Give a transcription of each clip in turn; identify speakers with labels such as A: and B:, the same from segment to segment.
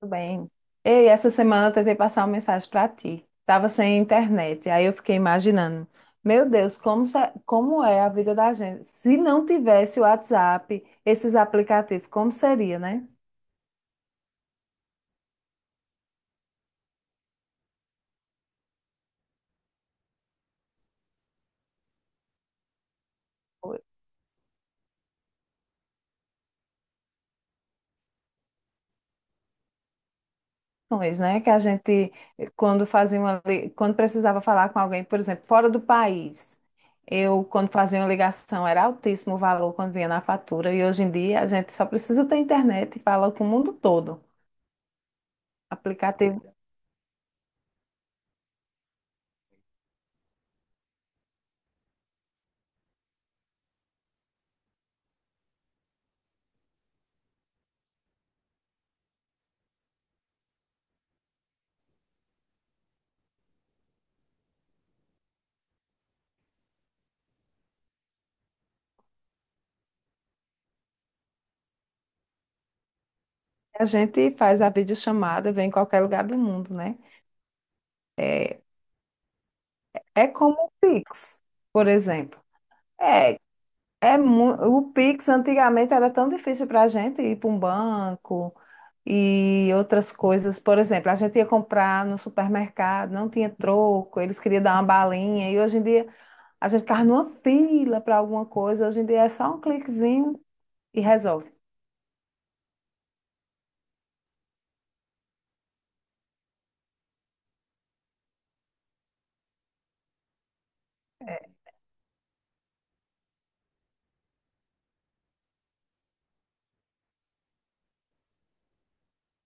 A: Tudo bem. Ei, essa semana eu tentei passar uma mensagem para ti. Tava sem internet. Aí eu fiquei imaginando, meu Deus, como, como é a vida da gente? Se não tivesse o WhatsApp, esses aplicativos, como seria, né? Questões, né? Quando quando precisava falar com alguém, por exemplo, fora do país, eu, quando fazia uma ligação, era altíssimo o valor quando vinha na fatura, e hoje em dia a gente só precisa ter internet e fala com o mundo todo. Aplicativo, a gente faz a videochamada, vem em qualquer lugar do mundo, né? É como o Pix, por exemplo. É O Pix antigamente era tão difícil para a gente ir para um banco e outras coisas. Por exemplo, a gente ia comprar no supermercado, não tinha troco, eles queriam dar uma balinha. E hoje em dia a gente ficava numa fila para alguma coisa. Hoje em dia é só um cliquezinho e resolve.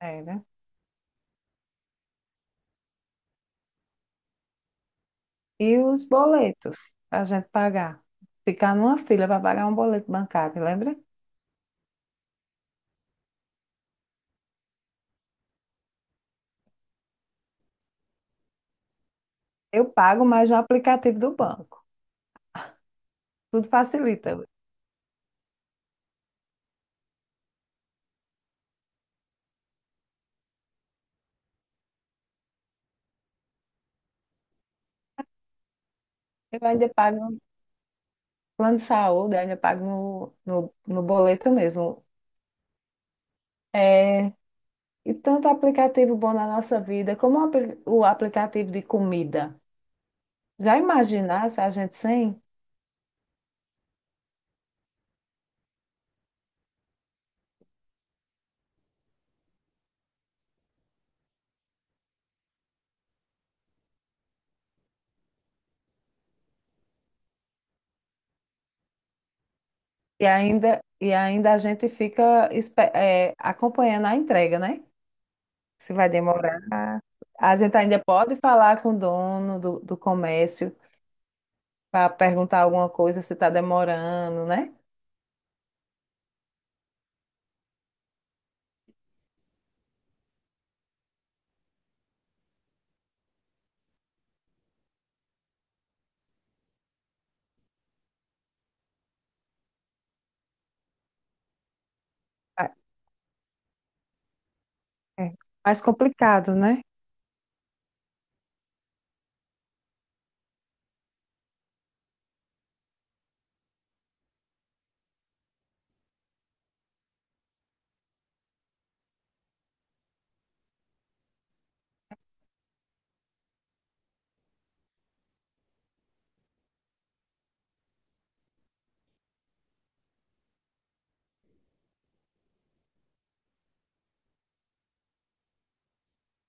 A: É, né? E os boletos para a gente pagar. Ficar numa fila para pagar um boleto bancário, lembra? Eu pago mais no aplicativo do banco. Tudo facilita. Eu ainda pago. Plano de saúde ainda pago no boleto mesmo. É, e tanto aplicativo bom na nossa vida, como o aplicativo de comida. Já imaginar se a gente sem? E ainda a gente acompanhando a entrega, né? Se vai demorar. A gente ainda pode falar com o dono do comércio para perguntar alguma coisa se está demorando, né? Ah, é mais complicado, né?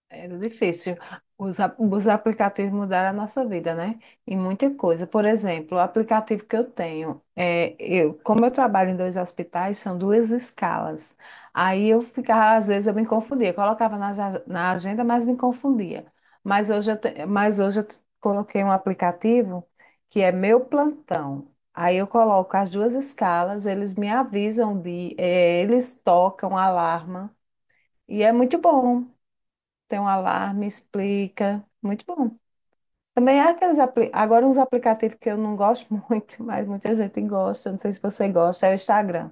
A: Era difícil. Os aplicativos mudaram a nossa vida, né? Em muita coisa. Por exemplo, o aplicativo que eu tenho, é, eu, como eu trabalho em dois hospitais, são duas escalas. Aí eu ficava, às vezes eu me confundia, colocava na agenda, mas me confundia. Mas hoje eu coloquei um aplicativo que é meu plantão. Aí eu coloco as duas escalas, eles me avisam de, eles tocam alarma. E é muito bom, tem um alarme, explica. Muito bom. Também há agora uns aplicativos que eu não gosto muito, mas muita gente gosta, não sei se você gosta, é o Instagram.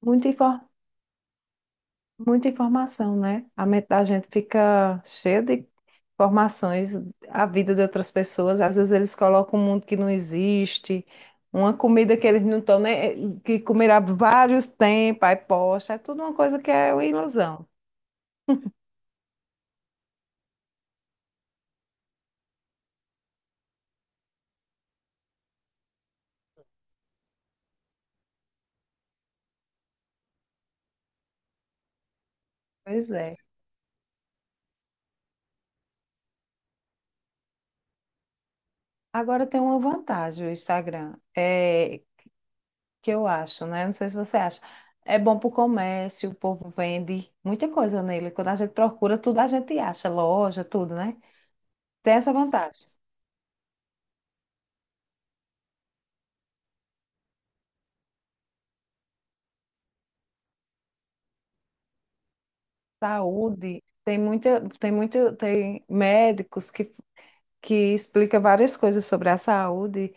A: Muita, infor- muita informação, né? A mente da gente fica cheia de informações, a vida de outras pessoas, às vezes eles colocam um mundo que não existe, uma comida que eles não estão nem, que comerá vários tempos, aí posta, é tudo uma coisa que é uma ilusão. Pois é. Agora tem uma vantagem o Instagram. É que eu acho, né? Não sei se você acha. É bom para o comércio, o povo vende muita coisa nele. Quando a gente procura, tudo a gente acha, loja, tudo, né? Tem essa vantagem. Saúde, tem muita, tem muito, tem médicos que explica várias coisas sobre a saúde.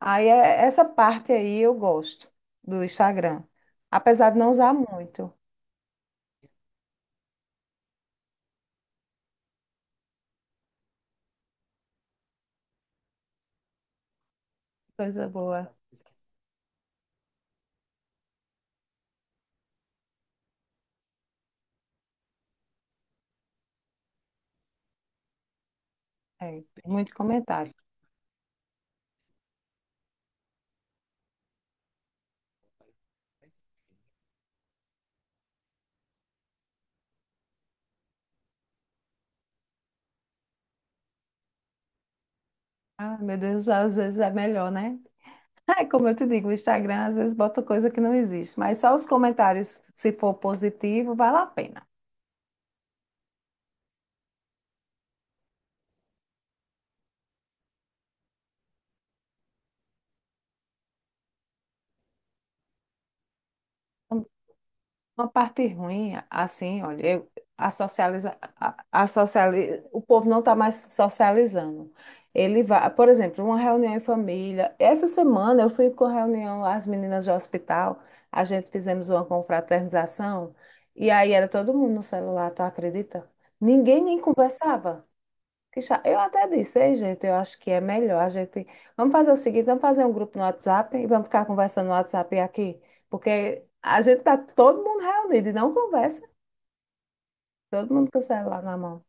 A: Essa parte aí eu gosto do Instagram. Apesar de não usar muito. Coisa boa. É, tem muito comentário. Ah, meu Deus, às vezes é melhor, né? É como eu te digo, o Instagram às vezes bota coisa que não existe, mas só os comentários, se for positivo, vale a pena. Um, Uma parte ruim, assim, olha, eu, a socializa, a sociali, o povo não está mais socializando. Ele vai, por exemplo, uma reunião em família. Essa semana eu fui com a reunião, as meninas do hospital, a gente fizemos uma confraternização, e aí era todo mundo no celular, tu acredita? Ninguém nem conversava. Eu até disse, ei, gente, eu acho que é melhor a gente. Vamos fazer o seguinte: vamos fazer um grupo no WhatsApp e vamos ficar conversando no WhatsApp aqui, porque a gente tá todo mundo reunido e não conversa, todo mundo com o celular na mão.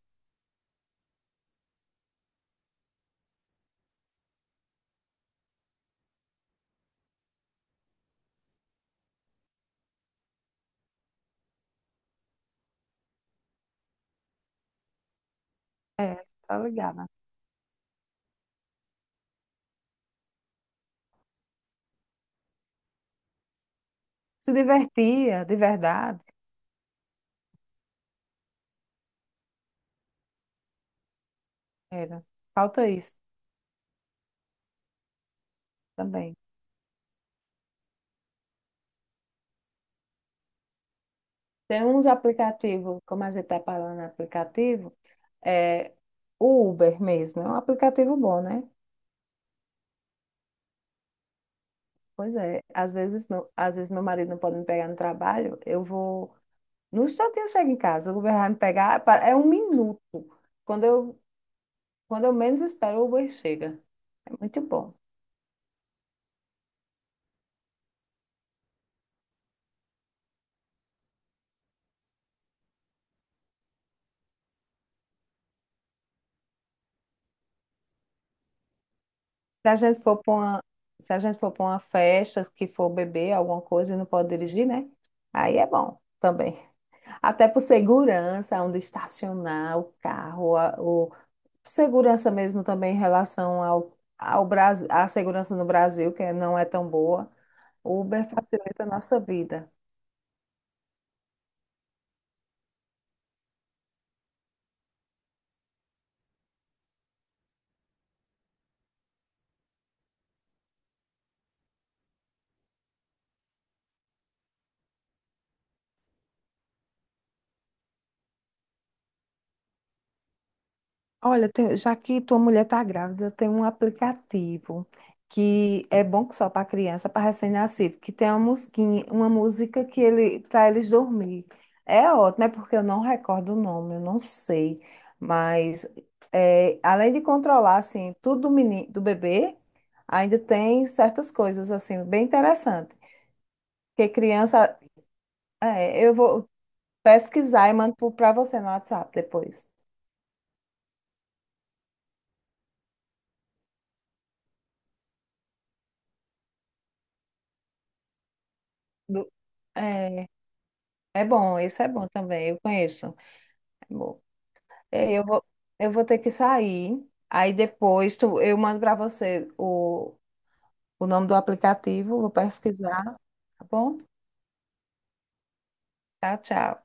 A: É, tá ligada. Se divertia, de verdade, era. Falta isso também. Tem uns aplicativos, como a gente tá falando em aplicativo, é o Uber mesmo, é um aplicativo bom, né? Pois é, às vezes meu marido não pode me pegar no trabalho, eu vou. No instantinho eu chego em casa, o Uber vai me pegar, é um minuto. Quando eu, quando eu menos espero, o Uber chega. É muito bom. Se a gente for para uma, se a gente for para uma festa, que for beber alguma coisa e não pode dirigir, né? Aí é bom também. Até por segurança, onde estacionar o carro, o segurança mesmo também em relação ao Brasil, à segurança no Brasil, que não é tão boa. O Uber facilita a nossa vida. Olha, já que tua mulher está grávida, tem um aplicativo que é bom que só para criança, para recém-nascido, que tem uma musiquinha, uma música que ele para eles dormir. É ótimo, é porque eu não recordo o nome, eu não sei, mas é, além de controlar assim tudo do menino, do bebê, ainda tem certas coisas assim bem interessante. Porque criança, é, eu vou pesquisar e mando para você no WhatsApp depois. Do- É, é bom, isso é bom também, eu conheço. É bom. É, eu vou ter que sair. Aí depois tu, eu mando para você o nome do aplicativo, vou pesquisar, tá bom? Tchau, tchau.